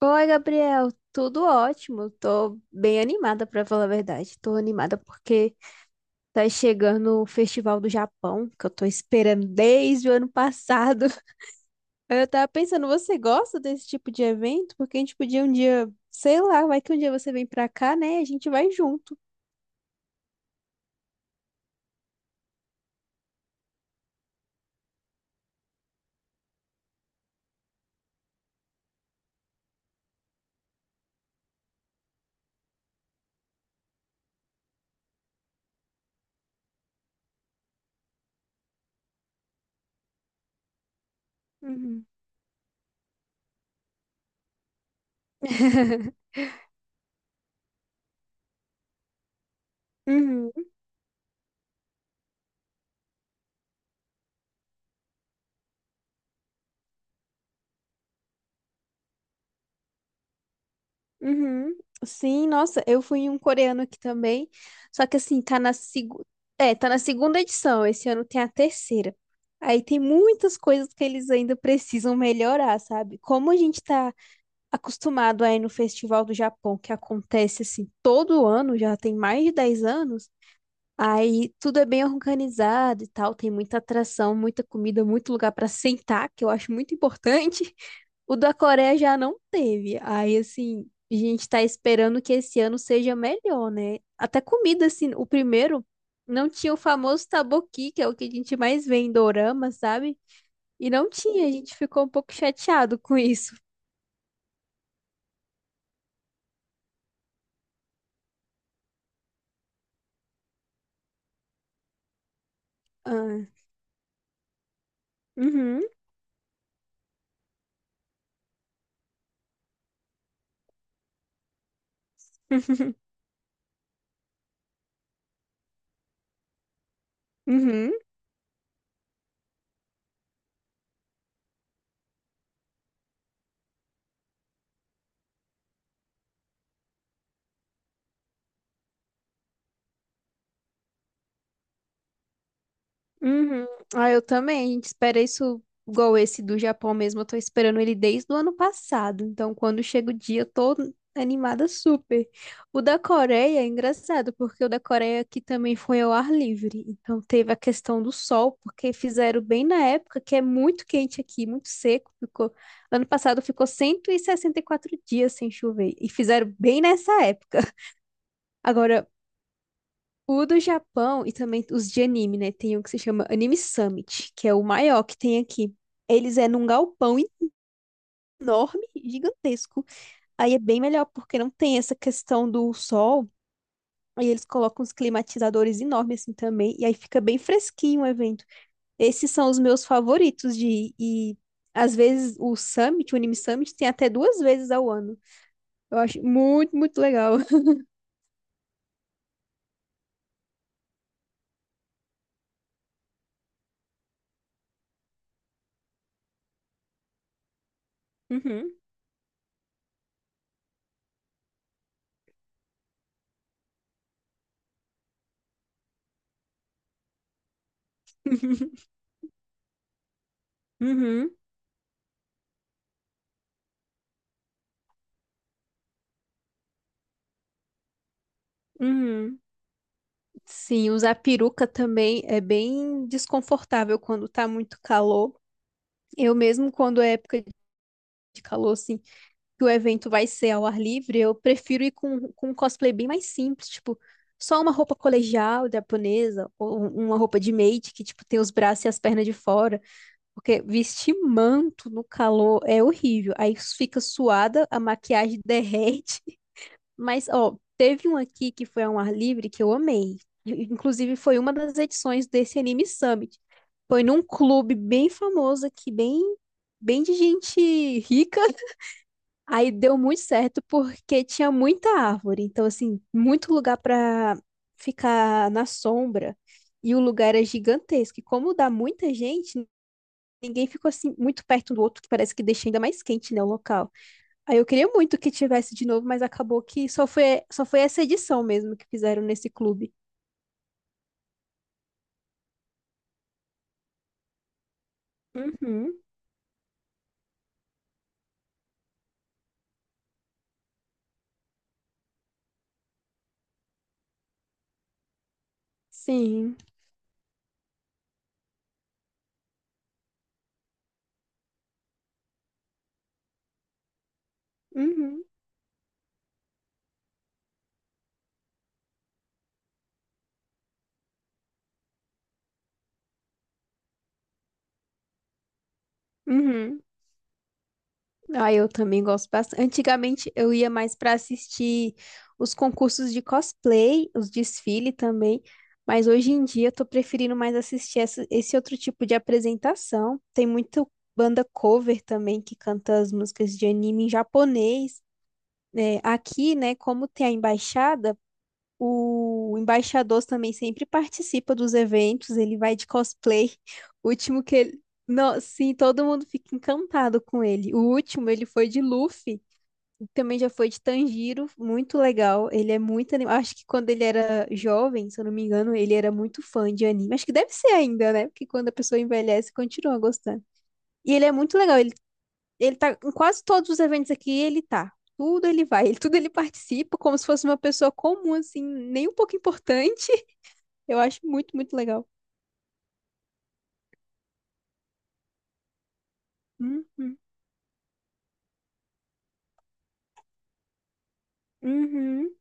Oi, Gabriel, tudo ótimo. Tô bem animada, pra falar a verdade. Tô animada porque tá chegando o Festival do Japão, que eu tô esperando desde o ano passado. Aí eu tava pensando, você gosta desse tipo de evento? Porque a gente podia um dia, sei lá, vai que um dia você vem pra cá, né? A gente vai junto. Uhum. Uhum. Uhum. Sim, nossa, eu fui em um coreano aqui também. Só que assim, é, tá na segunda edição. Esse ano tem a terceira. Aí tem muitas coisas que eles ainda precisam melhorar, sabe? Como a gente tá acostumado a ir no Festival do Japão, que acontece assim todo ano, já tem mais de 10 anos. Aí tudo é bem organizado e tal, tem muita atração, muita comida, muito lugar pra sentar, que eu acho muito importante. O da Coreia já não teve. Aí, assim, a gente tá esperando que esse ano seja melhor, né? Até comida, assim, o primeiro não tinha o famoso taboqui, que é o que a gente mais vê em dorama, sabe? E não tinha, a gente ficou um pouco chateado com isso. Ah, uhum, uhum. Uhum. Uhum. Ah, eu também. A gente espera isso igual esse do Japão mesmo. Eu tô esperando ele desde o ano passado. Então, quando chega o dia, eu tô animada super. O da Coreia é engraçado, porque o da Coreia aqui também foi ao ar livre. Então, teve a questão do sol, porque fizeram bem na época que é muito quente aqui, muito seco. Ficou... Ano passado ficou cento e sessenta e quatro dias sem chover. E fizeram bem nessa época. Agora, o do Japão e também os de anime, né? Tem um que se chama Anime Summit, que é o maior que tem aqui. Eles é num galpão enorme, gigantesco. Aí é bem melhor, porque não tem essa questão do sol. Aí eles colocam uns climatizadores enormes assim também. E aí fica bem fresquinho o evento. Esses são os meus favoritos de ir. E às vezes o Summit, o Anime Summit, tem até duas vezes ao ano. Eu acho muito, muito legal. Uhum. Uhum. Uhum. Sim, usar peruca também é bem desconfortável quando tá muito calor. Eu mesmo, quando é época de calor, assim, que o evento vai ser ao ar livre, eu prefiro ir com um cosplay bem mais simples, tipo, só uma roupa colegial japonesa, ou uma roupa de maid, que, tipo, tem os braços e as pernas de fora, porque vestir manto no calor é horrível. Aí fica suada, a maquiagem derrete, mas, ó, teve um aqui que foi ao ar livre que eu amei. Inclusive, foi uma das edições desse Anime Summit. Foi num clube bem famoso aqui, bem, bem de gente rica. Aí deu muito certo porque tinha muita árvore. Então, assim, muito lugar para ficar na sombra. E o lugar era gigantesco. E como dá muita gente, ninguém ficou assim muito perto um do outro, que parece que deixa ainda mais quente, né, o local. Aí eu queria muito que tivesse de novo, mas acabou que só foi essa edição mesmo que fizeram nesse clube. Uhum, Sim. Uhum. Uhum. Ah, eu também gosto bastante. Antigamente eu ia mais para assistir os concursos de cosplay, os desfile também, mas hoje em dia eu tô preferindo mais assistir esse outro tipo de apresentação. Tem muita banda cover também que canta as músicas de anime em japonês. É, aqui, né, como tem a embaixada. O embaixador também sempre participa dos eventos, ele vai de cosplay. O último que ele. Não, sim, todo mundo fica encantado com ele. O último, ele foi de Luffy, e também já foi de Tanjiro, muito legal. Ele é muito animado. Acho que quando ele era jovem, se eu não me engano, ele era muito fã de anime. Acho que deve ser ainda, né? Porque quando a pessoa envelhece, continua gostando. E ele é muito legal, ele tá em quase todos os eventos aqui, ele tá. Tudo ele vai, ele, tudo ele participa, como se fosse uma pessoa comum, assim, nem um pouco importante. Eu acho muito, muito legal. Uhum, uhum,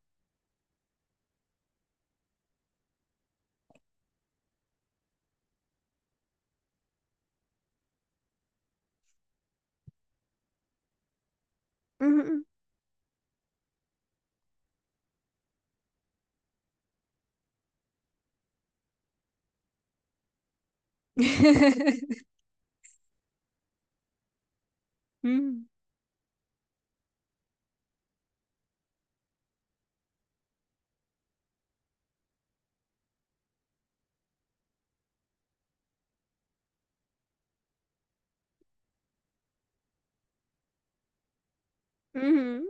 uhum. Uhum, uhum,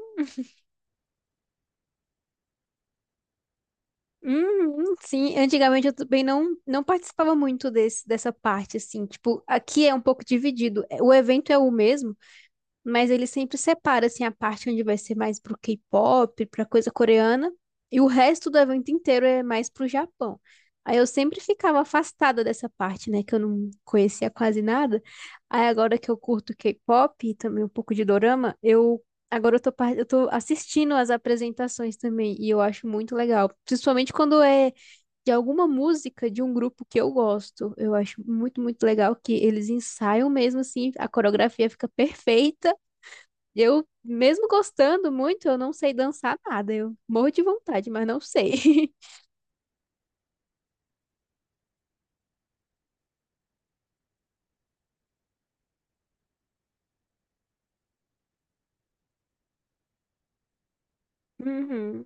uhum. Sim, antigamente eu também não participava muito dessa parte, assim, tipo, aqui é um pouco dividido. O evento é o mesmo, mas ele sempre separa assim a parte onde vai ser mais pro K-pop, pra coisa coreana, e o resto do evento inteiro é mais pro Japão. Aí eu sempre ficava afastada dessa parte, né, que eu não conhecia quase nada. Aí agora que eu curto K-pop e também um pouco de dorama, eu agora eu tô, eu tô assistindo as apresentações também e eu acho muito legal, principalmente quando é de alguma música de um grupo que eu gosto. Eu acho muito, muito legal que eles ensaiam mesmo assim, a coreografia fica perfeita. Eu, mesmo gostando muito, eu não sei dançar nada. Eu morro de vontade, mas não sei. Uhum,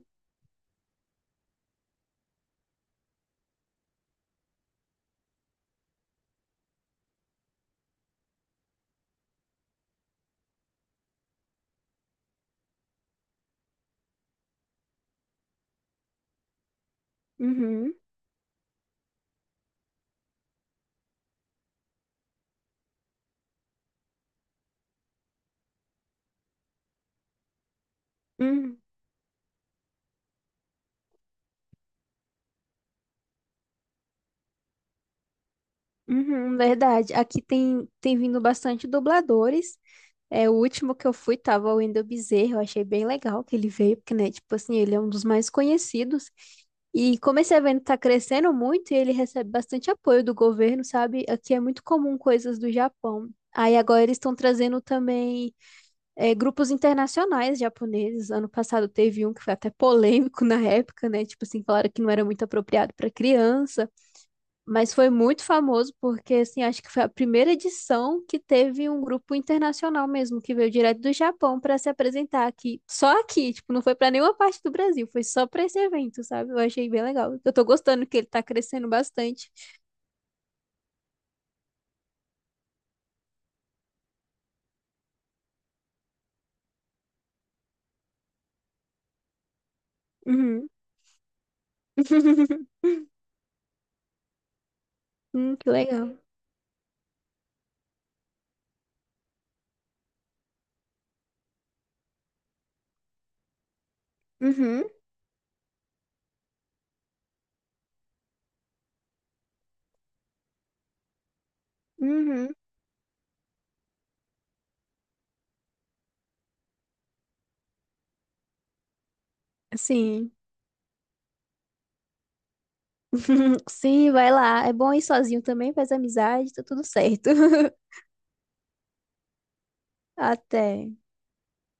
uhum, uhum, uhum, verdade. Aqui tem vindo bastante dubladores. É, o último que eu fui tava o Wendel Bezerra, eu achei bem legal que ele veio, porque, né, tipo assim, ele é um dos mais conhecidos. E como esse evento tá crescendo muito e ele recebe bastante apoio do governo, sabe? Aqui é muito comum coisas do Japão. Aí agora eles estão trazendo também é, grupos internacionais japoneses. Ano passado teve um que foi até polêmico na época, né? Tipo assim, falaram que não era muito apropriado para criança, mas foi muito famoso porque, assim, acho que foi a primeira edição que teve um grupo internacional mesmo, que veio direto do Japão para se apresentar aqui. Só aqui, tipo, não foi para nenhuma parte do Brasil, foi só para esse evento, sabe? Eu achei bem legal. Eu tô gostando que ele tá crescendo bastante. Uhum. Que legal. Uhum. Uhum. Sim. Sim, vai lá. É bom ir sozinho também, faz amizade, tá tudo certo. Até.